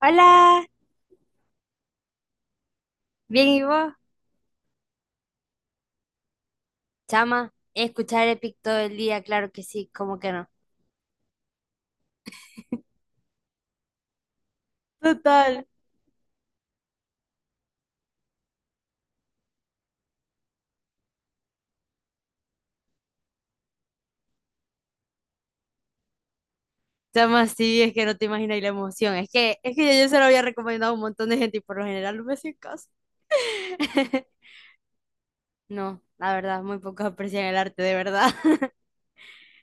Hola, bien y vos, chama, escuchar Epic todo el día, claro que sí, cómo que no. Total. Chama, sí, es que no te imaginas la emoción. Es que yo se lo había recomendado a un montón de gente y por lo general no me hacían caso. No, la verdad, muy pocos aprecian el arte, de verdad.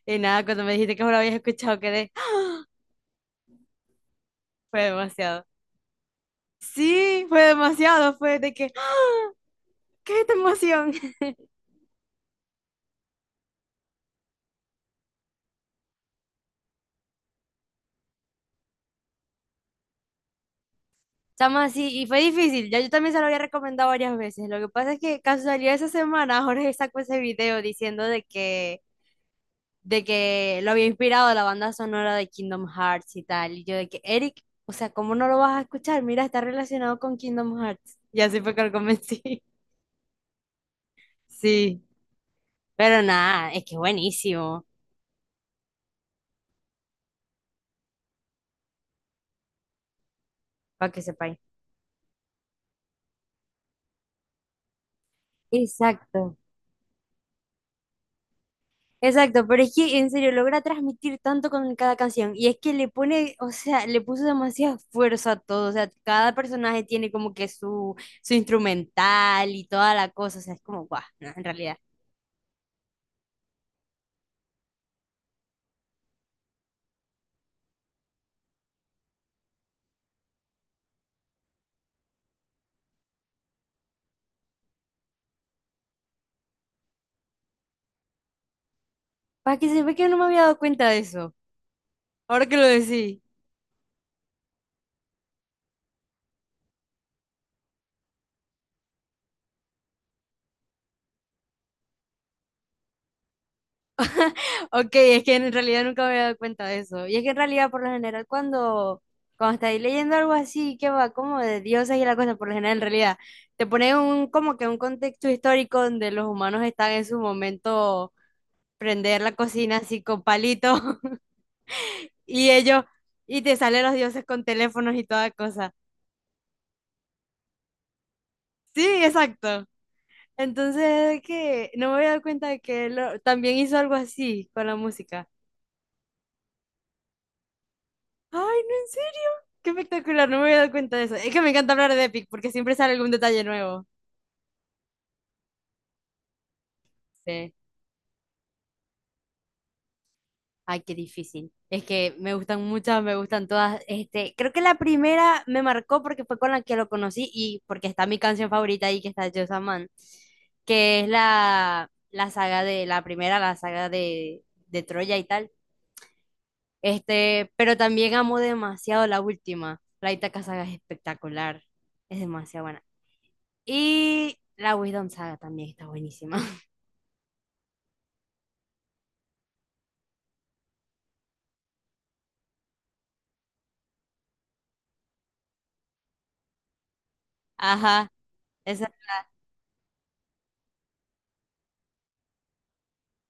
Y nada, cuando me dijiste que no lo habías escuchado, quedé. Fue demasiado. Sí, fue demasiado. Fue de que, ¿qué es esta emoción? Chama, sí, y fue difícil. Ya yo también se lo había recomendado varias veces. Lo que pasa es que casualidad esa semana Jorge sacó ese video diciendo de que lo había inspirado la banda sonora de Kingdom Hearts y tal. Y yo de que, Eric, o sea, ¿cómo no lo vas a escuchar? Mira, está relacionado con Kingdom Hearts. Y así fue que lo convencí. Sí, pero nada, es que es buenísimo, para que sepáis. Exacto. Exacto, pero es que en serio logra transmitir tanto con cada canción y es que le pone, o sea, le puso demasiada fuerza a todo, o sea, cada personaje tiene como que su instrumental y toda la cosa, o sea, es como, guau, no, en realidad. Para que se ve que no me había dado cuenta de eso, ahora que lo decís. Ok, es que en realidad nunca me había dado cuenta de eso. Y es que en realidad, por lo general, cuando estáis leyendo algo así, que va como de dioses y la cosa, por lo general, en realidad, te pone un, como que un contexto histórico donde los humanos están en su momento prender la cocina así con palito y ellos, y te salen los dioses con teléfonos y toda cosa. Sí, exacto. Entonces, que no me había dado cuenta de que también hizo algo así con la música. Ay, no, en serio, qué espectacular, no me había dado cuenta de eso. Es que me encanta hablar de Epic porque siempre sale algún detalle nuevo. Sí. Ay, qué difícil. Es que me gustan muchas, me gustan todas. Este, creo que la primera me marcó porque fue con la que lo conocí y porque está mi canción favorita ahí, que está Just a Man, que es la saga de, la primera, la saga de Troya y tal. Este, pero también amo demasiado la última. La Ítaca saga es espectacular. Es demasiado buena. Y la Wisdom saga también está buenísima. Ajá. Esa,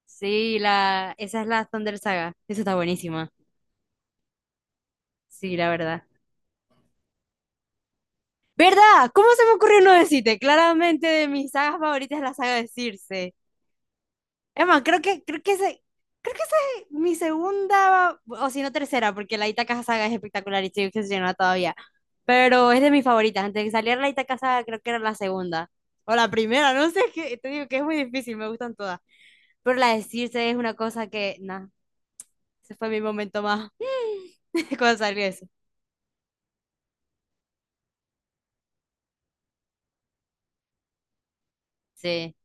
sí, la, esa es la Thunder saga. Esa está buenísima. Sí, la verdad. ¿Verdad? ¿Cómo se me ocurrió no decirte? Claramente de mis sagas favoritas es la saga de Circe. Es más, creo que esa es mi segunda, o si no tercera, porque la Itaca saga es espectacular y estoy obsesionada todavía. Pero es de mis favoritas. Antes de que saliera la Itaca saga, creo que era la segunda. O la primera, no sé, es que te digo que es muy difícil, me gustan todas. Pero la de Circe es una cosa que, nada, ese fue mi momento más cuando salió eso. Sí,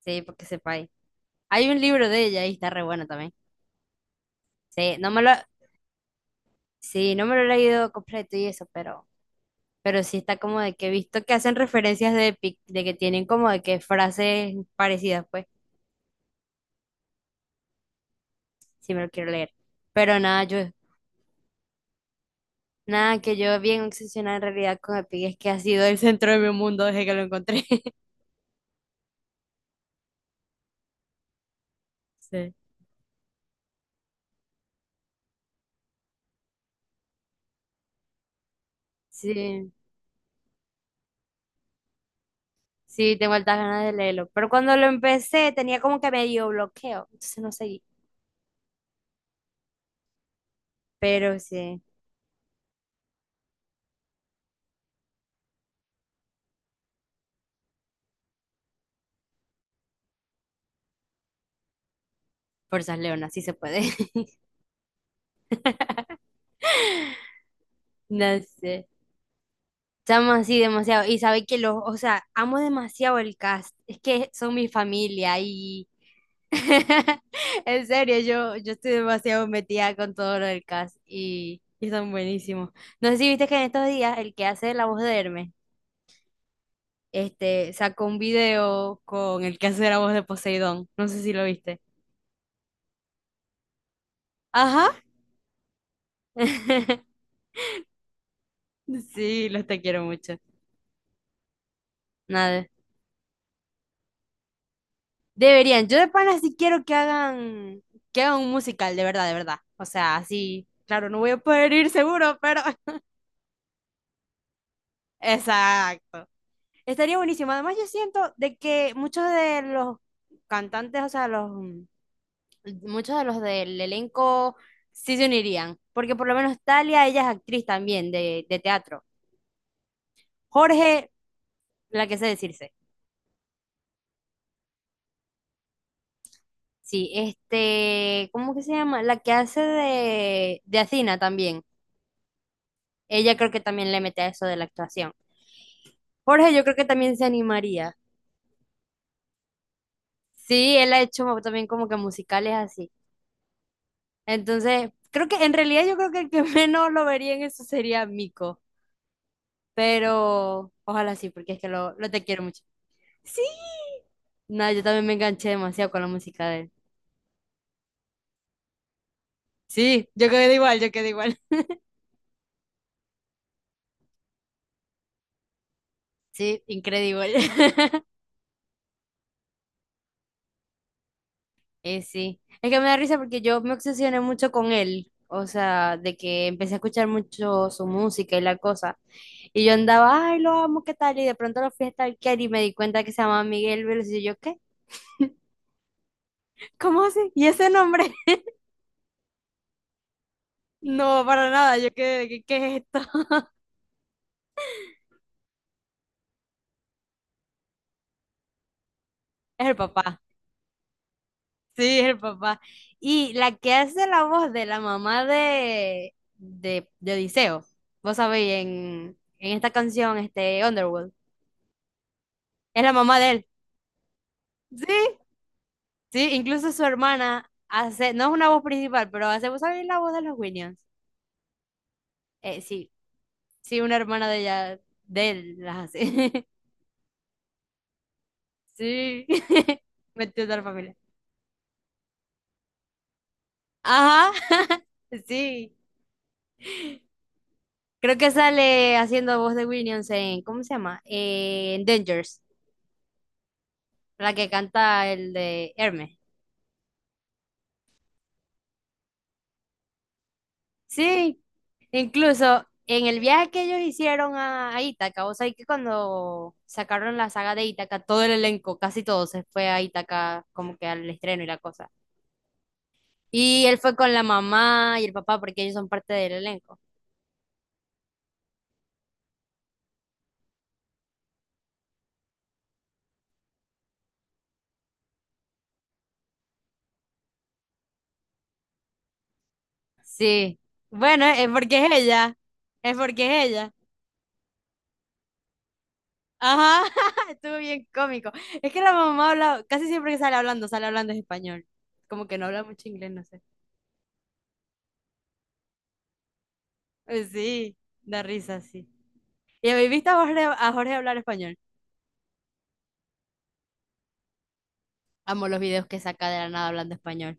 sí, porque sepa. Hay un libro de ella y está re bueno también. Sí, no me lo, sí, no me lo he leído completo y eso, pero sí está como de que he visto que hacen referencias de Epic, de que tienen como de que frases parecidas, pues, si me lo quiero leer. Pero nada, yo, nada, que yo bien obsesionada en realidad con Epic es que ha sido el centro de mi mundo desde que lo encontré. Sí. Sí, sí, tengo altas ganas de leerlo. Pero cuando lo empecé tenía como que medio bloqueo, entonces no seguí. Pero sí, fuerzas Leona, sí se puede. No sé. Estamos así demasiado. Y sabe que los, o sea, amo demasiado el cast. Es que son mi familia y en serio, yo estoy demasiado metida con todo lo del cast y son buenísimos. No sé si viste que en estos días el que hace la voz de Hermes, este, sacó un video con el que hace la voz de Poseidón. No sé si lo viste. Ajá. Sí, los te quiero mucho. Nada. Deberían, yo de pana sí quiero que hagan un musical, de verdad, de verdad. O sea, así, claro, no voy a poder ir seguro, pero exacto. Estaría buenísimo. Además, yo siento de que muchos de los cantantes, o sea, muchos de los del elenco sí se unirían, porque por lo menos Talia, ella es actriz también de teatro. Jorge, la que sé decirse. Sí, este, ¿cómo que se llama? La que hace de Athena también. Ella creo que también le mete a eso de la actuación. Jorge, yo creo que también se animaría. Sí, él ha hecho también como que musicales así. Entonces, creo que en realidad yo creo que el que menos lo vería en eso sería Mico. Pero ojalá sí, porque es que lo te quiero mucho. Sí. No, yo también me enganché demasiado con la música de él. Sí, yo quedé igual, yo quedé igual. Sí, increíble. Sí, es que me da risa porque yo me obsesioné mucho con él, o sea, de que empecé a escuchar mucho su música y la cosa, y yo andaba, ay, lo amo, ¿qué tal? Y de pronto lo fui a stalkear y me di cuenta que se llamaba Miguel Veloz y yo, ¿qué? ¿Cómo así? ¿Y ese nombre? No, para nada, yo, ¿qué es esto? Es el papá, sí, es el papá. Y la que hace la voz de la mamá de Odiseo, vos sabéis, en esta canción, este, Underworld, es la mamá de él. Sí. Sí, incluso su hermana hace, no es una voz principal, pero hace, ¿vos sabés la voz de los Williams? Sí, sí, una hermana de ella, de él, las hace. Sí, metió toda la familia. Ajá, sí. Creo que sale haciendo voz de Williams en, ¿cómo se llama? En Dangers, la que canta el de Hermes. Sí, incluso en el viaje que ellos hicieron a Ítaca, o sea, que cuando sacaron la saga de Ítaca, todo el elenco, casi todo se fue a Ítaca como que al estreno y la cosa. Y él fue con la mamá y el papá porque ellos son parte del elenco. Sí. Bueno, es porque es ella. Es porque es ella. Ajá, estuvo bien cómico. Es que la mamá habla, casi siempre que sale hablando en español. Como que no habla mucho inglés, no sé. Sí, da risa, sí. ¿Y habéis visto a Jorge hablar español? Amo los videos que saca de la nada hablando español.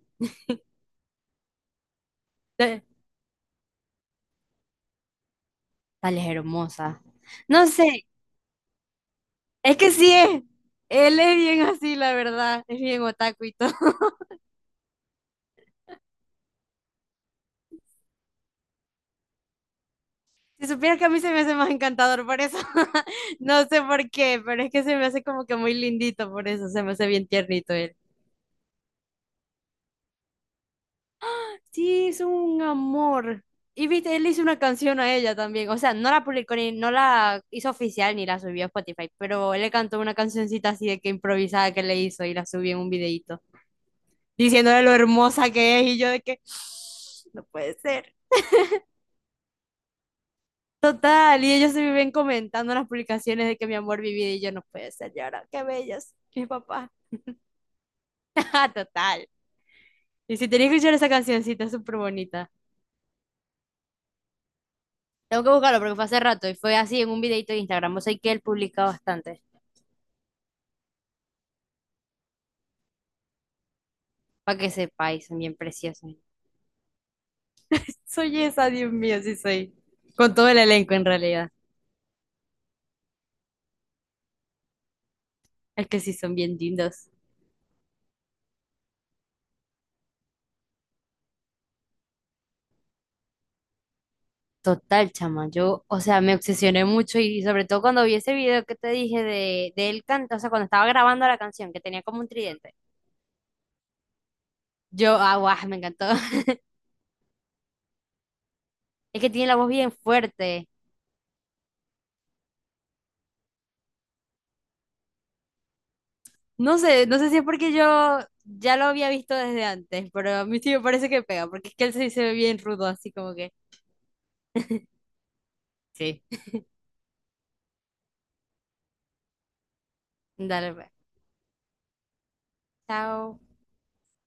Eh, Tal es hermosa. No sé, es que sí es. Él es bien así, la verdad. Es bien otaku y todo. Si supieras que a mí se me hace más encantador por eso. No sé por qué, pero es que se me hace como que muy lindito por eso. Se me hace bien tiernito él. Sí, es un amor. Y viste, él hizo una canción a ella también. O sea, no la publicó ni, no la hizo oficial ni la subió a Spotify, pero él le cantó una cancioncita así de que improvisada que le hizo y la subió en un videíto. Diciéndole lo hermosa que es y yo de que no puede ser. Total, y ellos se viven comentando en las publicaciones de que mi amor vivía y yo no puede ser, y ahora qué bellos, mi papá. Total. Y si tenés que escuchar esa cancioncita, es súper bonita. Tengo que buscarlo porque fue hace rato y fue así en un videito de Instagram. O sea, que él publica bastante. Para que sepáis, son bien preciosos. Soy esa, Dios mío, sí soy. Con todo el elenco en realidad. Es que sí son bien lindos. Total, chama, yo, o sea, me obsesioné mucho y sobre todo cuando vi ese video que te dije de él canta, o sea, cuando estaba grabando la canción, que tenía como un tridente, yo, ah, guau, me encantó. Es que tiene la voz bien fuerte. No sé, no sé si es porque yo ya lo había visto desde antes, pero a mí sí me parece que pega, porque es que él sí se ve bien rudo, así como que, sí. Dale, pues. Chao.